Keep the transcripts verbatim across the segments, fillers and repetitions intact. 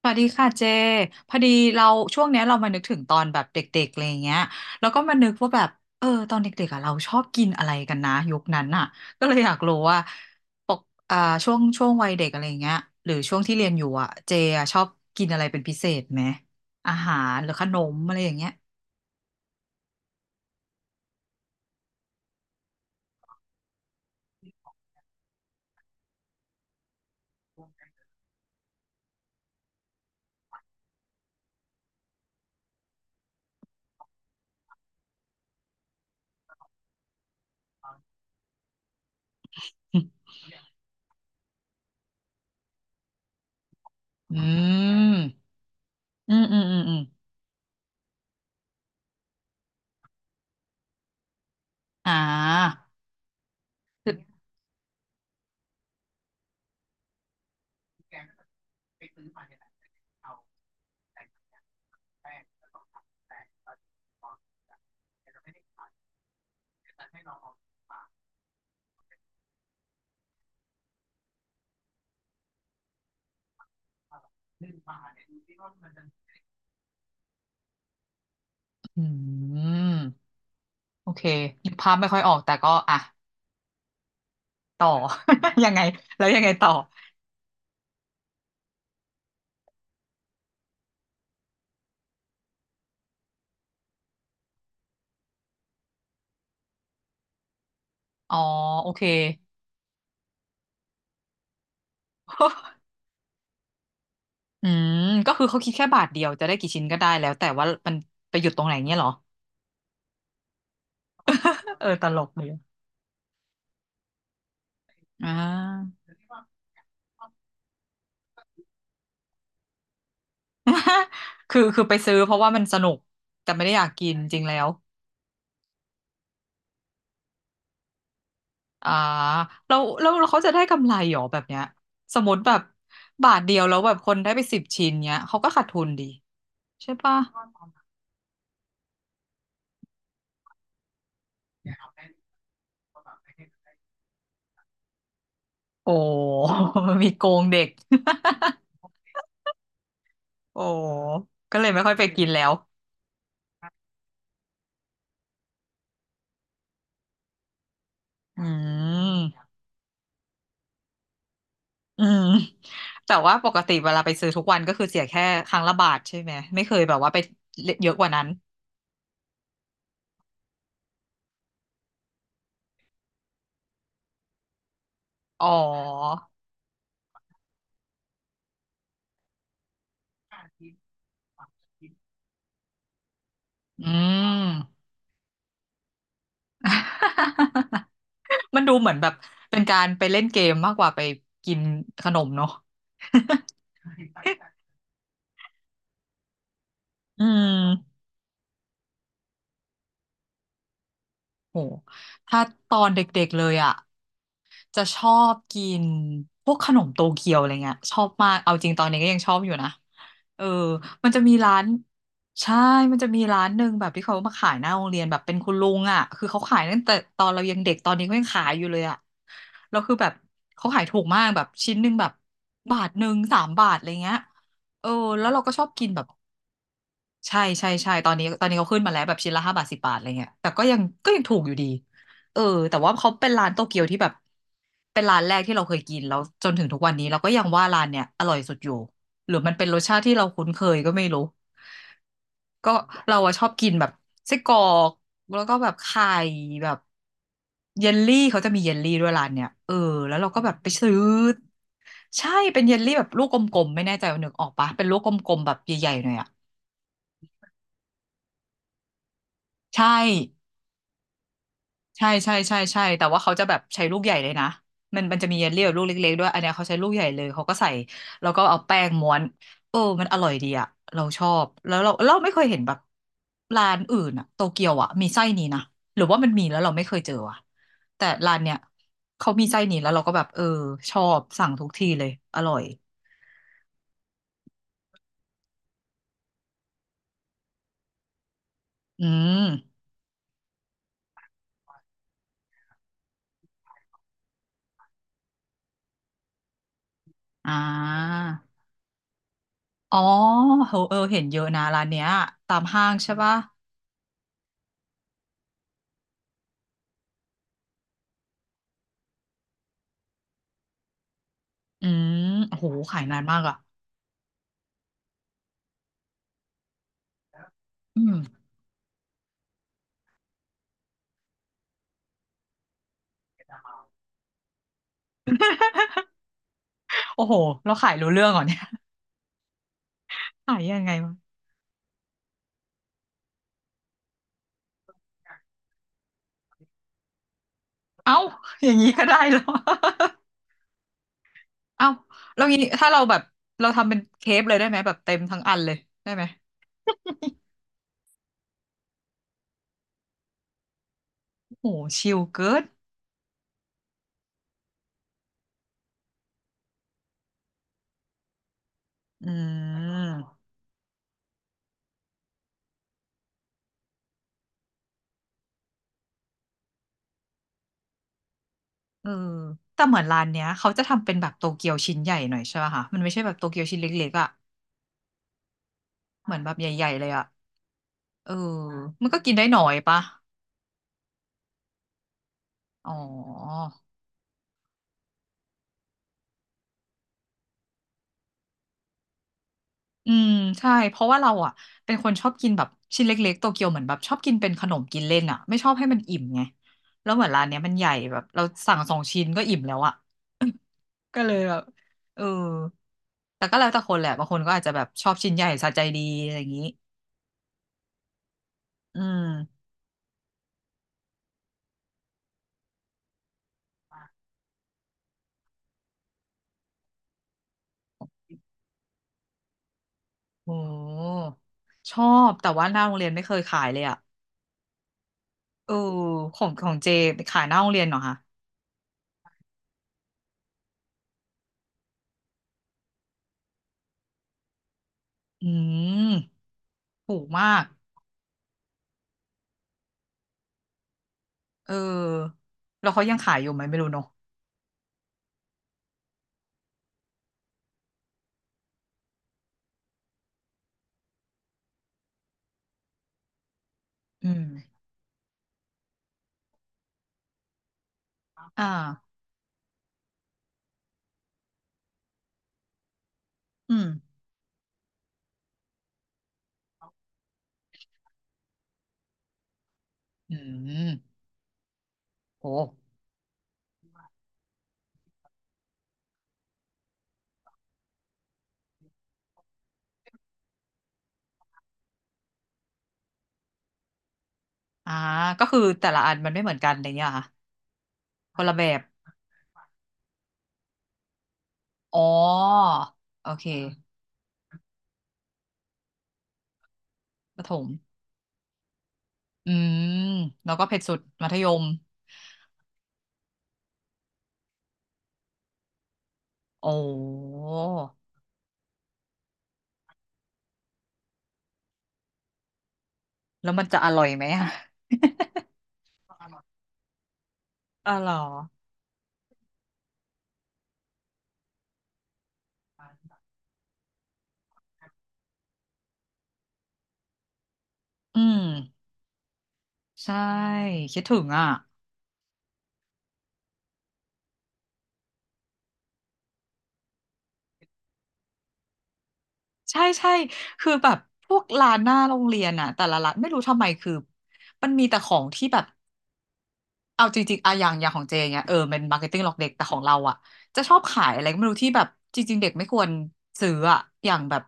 สวัสดีค่ะเจพอดีเราช่วงเนี้ยเรามานึกถึงตอนแบบเด็กๆอะไรอย่างเงี้ยแล้วก็มานึกว่าแบบเออตอนเด็กๆอ่ะเราชอบกินอะไรกันนะยุคนั้นอ่ะก็เลยอยากรู้ว่าปกอ่าช่วงช่วงวัยเด็กอะไรอย่างเงี้ยหรือช่วงที่เรียนอยู่อ่ะเจอ่ะชอบกินอะไรเป็นพิเศษไหมอาหารหรือขนมอะไรอย่างเงี้ย อืมอืมอืมอืมอืมอ่าคือ อืมโอเคนึกภาพไม่ค่อยออกแต่ก็อ่ะต่อ ยังไงแล้วยังไงต่ออ๋อโอเค อืมก็คือเขาคิดแค่บาทเดียวจะได้กี่ชิ้นก็ได้แล้วแต่ว่ามันไปหยุดตรงไหนเงี้ยเหรอ เออตลกเลยอ่า คือคือไปซื้อเพราะว่ามันสนุกแต่ไม่ได้อยากกินจริงแล้ว อ่าแล้วแล้วแล้วเขาจะได้กำไรหรอแบบเนี้ยสมมติแบบบาทเดียวแล้วแบบคนได้ไปสิบชิ้นเนี้ยเขาก็ขาดทุนดีใช่ปะโอ้ มีโกงเด็ก โอ้ก็เลยไม่ค่อยไปกินแล้วอืมอืมแต่ว่าปกติเวลาไปซื้อทุกวันก็คือเสียแค่ครั้งละบาทใช่ไหมไม่เคยแบบว่าไปเยอะกว่านั้นอ๋ออืม มันดูเหมือนแบบเป็นการไปเล่นเกมมากกว่าไปกินขนมเนาะ อืมโหถ้าตอนเด็กๆเลยอ่ะ จะชอบกินพวกขนมโตเกียวอะไรเงี้ยชอบมากเอาจริงตอนนี้ก็ยังชอบอยู่นะเออมันจะมีร้านใช่มันจะมีร้านหนึ่งแบบที่เขามาขายหน้าโรงเรียนแบบเป็นคุณลุงอ่ะคือเขาขายตั้งแต่ตอนเรายังเด็กตอนนี้ก็ยังขายอยู่เลยอ่ะแล้วคือแบบเขาขายถูกมากแบบชิ้นหนึ่งแบบบาทหนึ่งสามบาทอะไรเงี้ยเออแล้วเราก็ชอบกินแบบ ใช่ใช่ใช่ตอนนี้ตอนนี้เขาขึ้นมาแล้วแบบชิ้นละห้าบาทสิบบาทอะไรเงี้ยแต่ก็ยังก็ยังถูกอยู่ดีเออแต่ว่าเขาเป็นร้านโตเกียวที่แบบเป็นร้านแรกที่เราเคยกินแล้วจนถึงทุกวันนี้เราก็ยังว่าร้านเนี้ยอร่อยสุดอยู่หรือมันเป็นรสชาติที่เราคุ้นเคยก็ไม่รู้ก็เราอะชอบกินแบบไส้กรอกแล้วก็แบบไข่แบบเยลลี่เขาจะมีเยลลี่ด้วยร้านเนี้ยเออแล้วเราก็แบบไปซื้อใช่เป็นเยลลี่แบบลูกกลมๆไม่แน่ใจว่านึกออกปะเป็นลูกกลมๆแบบใหญ่ๆหน่อยอะใช่ ใช่ใช่ใช่ใช่แต่ว่าเขาจะแบบใช้ลูกใหญ่เลยนะมันมันจะมีเยลลี่กับลูกเล็กๆด้วยอันเนี้ยเขาใช้ลูกใหญ่เลยเขาก็ใส่แล้วก็เอาแป้งม้วนเออมันอร่อยดีอะเราชอบแล้วเราเราไม่เคยเห็นแบบร้านอื่นอะโตเกียวอะมีไส้นี้นะหรือว่ามันมีแล้วเราไม่เคยเจออะแต่ร้านเนี้ยเขามีไส้นี้แล้วเราก็แบบเออชอบสั่งทุกทีเลยอร่อยอืมอ่าอ๋อเออเออเห็นเยอะนะร้านเนี้ยตามห้างใช่ปะอืมโหขายนานมากอะอืม โอ้โห เราขายรู้เรื่องเหรอเนี่ยขายยังไงวะเอ้าอย่างนี้ก็ได้เหรอ เอ้าแล้วงี้ถ้าเราแบบเราทำเป็นเคปเลยได้ไหมแบบเต็มทั้งอันเลยได้ไหมโอ้โหชิลเกินอืมเออแต่เหมือนร้านเนี้ยเขาจะทำเป็นแบบโตเกียวชิ้นใหญ่หน่อยใช่ป่ะคะมันไม่ใช่แบบโตเกียวชิ้นเล็กๆอ่ะเหมือนแบบใหญ่ๆเลยอ่ะเออมันก็กินได้หน่อยปะอ๋อ อืมใช่เพราะว่าเราอ่ะเป็นคนชอบกินแบบชิ้นเล็กๆโตเกียวเหมือนแบบชอบกินเป็นขนมกินเล่นอ่ะไม่ชอบให้มันอิ่มไงแล้วเหมือนร้านเนี้ยมันใหญ่แบบเราสั่งสองชิ้นก็อิ่มแล้วอ่ะก็เลยแบบเออแต่ก็แล้วแต่คนแหละบางคนก็อาจจะแบบชอบชิ้นใหญ่สะใจดีอะไรอย่างนี้อืมโอ้ชอบแต่ว่าหน้าโรงเรียนไม่เคยขายเลยอ่ะเออของของเจไปขายหน้าโรงเรียนเหรอคะอืมถูกมากเออแล้วเขายังขายอยู่ไหมไม่รู้เนอะอืมอ่า อืมอืมโหอ่าก็คือแต่ละอันมันไม่เหมือนกันอะไรเงี้ยเหรอค่ะคนละแบบอ๋อโอเคประถมอืมแล้วก็เผ็ดสุด มัธยมโอ้แล้วมันจะอร่อยไหมอะอ๋อเหรออืมใช่ คิดถึงอ่ะ ใช่ใช่คือแบบพวกร้านหน้าโรงเรียนอ่ะ แต่ละร้านไม่รู้ทำไมคือ มันมีแต่ของที่แบบ เอาจริงๆอะอย่างอย่างของเจเงี้ยเออเป็นมาร์เก็ตติ้งหลอกเด็กแต่ของเราอะจะชอบขายอะไรก็ไม่รู้ที่แบบจริงๆเด็กไม่ควรซื้ออะอย่างแบบ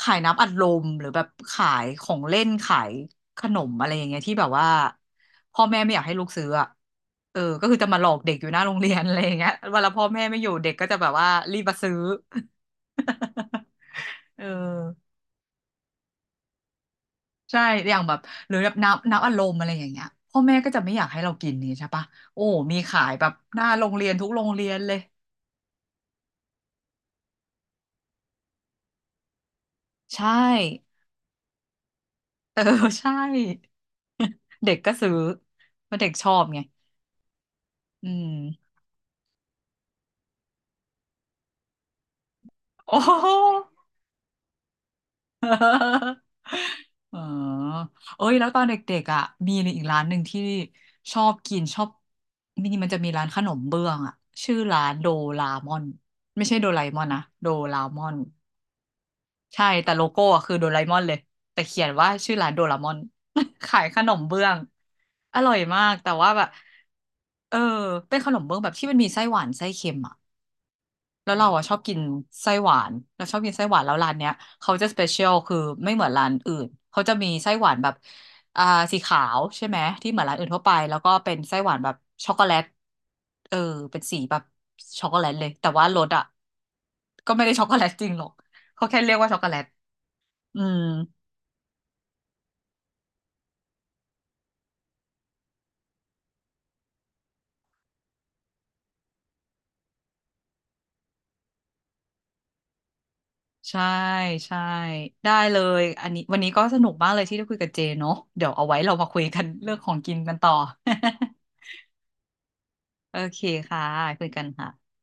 ขายน้ำอัดลมหรือแบบขายของเล่นขายขนมอะไรอย่างเงี้ยที่แบบว่าพ่อแม่ไม่อยากให้ลูกซื้ออะเออก็คือจะมาหลอกเด็กอยู่หน้าโรงเรียนอะไรอย่างเงี้ยเวลาพ่อแม่ไม่อยู่เด็กก็จะแบบว่ารีบมาซื้อ เออใช่อย่างแบบหรือแบบน้ำน้ำอัดลมอะไรอย่างเงี้ยพ่อแม่ก็จะไม่อยากให้เรากินนี่ใช่ปะโอ้มีขายแบบหน้าโรงเรียนทุกโรงเรียนเลย ใช่ เออ ใช่ เด็กก็ซื้อเพราะเด็กชอบไง อืม โอ้โห เออเอ้ยแล้วตอนเด็กๆอ่ะมีอีกร้านหนึ่งที่ชอบกินชอบมินิมันจะมีร้านขนมเบื้องอ่ะชื่อร้านโดรามอน ไม่ใช่โดราเอมอนนะ โดรามอน ใช่แต่โลโก้อะคือโดราเอมอนเลยแต่เขียนว่าชื่อร้านโดราเอมอน ขายขนมเบื้องอร่อยมากแต่ว่าแบบเออเป็นขนมเบื้องแบบที่มันมีไส้หวานไส้เค็มอ่ะแล้วเราอ่ะชอบกินไส้หวานเราชอบกินไส้หวานแล้วร้านเนี้ยเขาจะสเปเชียลคือไม่เหมือนร้านอื่นเขาจะมีไส้หวานแบบอ่าสีขาวใช่ไหมที่เหมือนร้านอื่นทั่วไปแล้วก็เป็นไส้หวานแบบช็อกโกแลตเออเป็นสีแบบช็อกโกแลตเลยแต่ว่ารสอ่ะก็ไม่ได้ช็อกโกแลตจริงหรอกเขาแค่เรียกว่าช็อกโกแลต อืมใช่ใช่ได้เลยอันนี้วันนี้ก็สนุกมากเลยที่ได้คุยกับเจเนาะเดี๋ยวเอาไว้เรามาคุยกันเรื่องของกินกันต่อ โอเคค่ะคุยกันค่ะ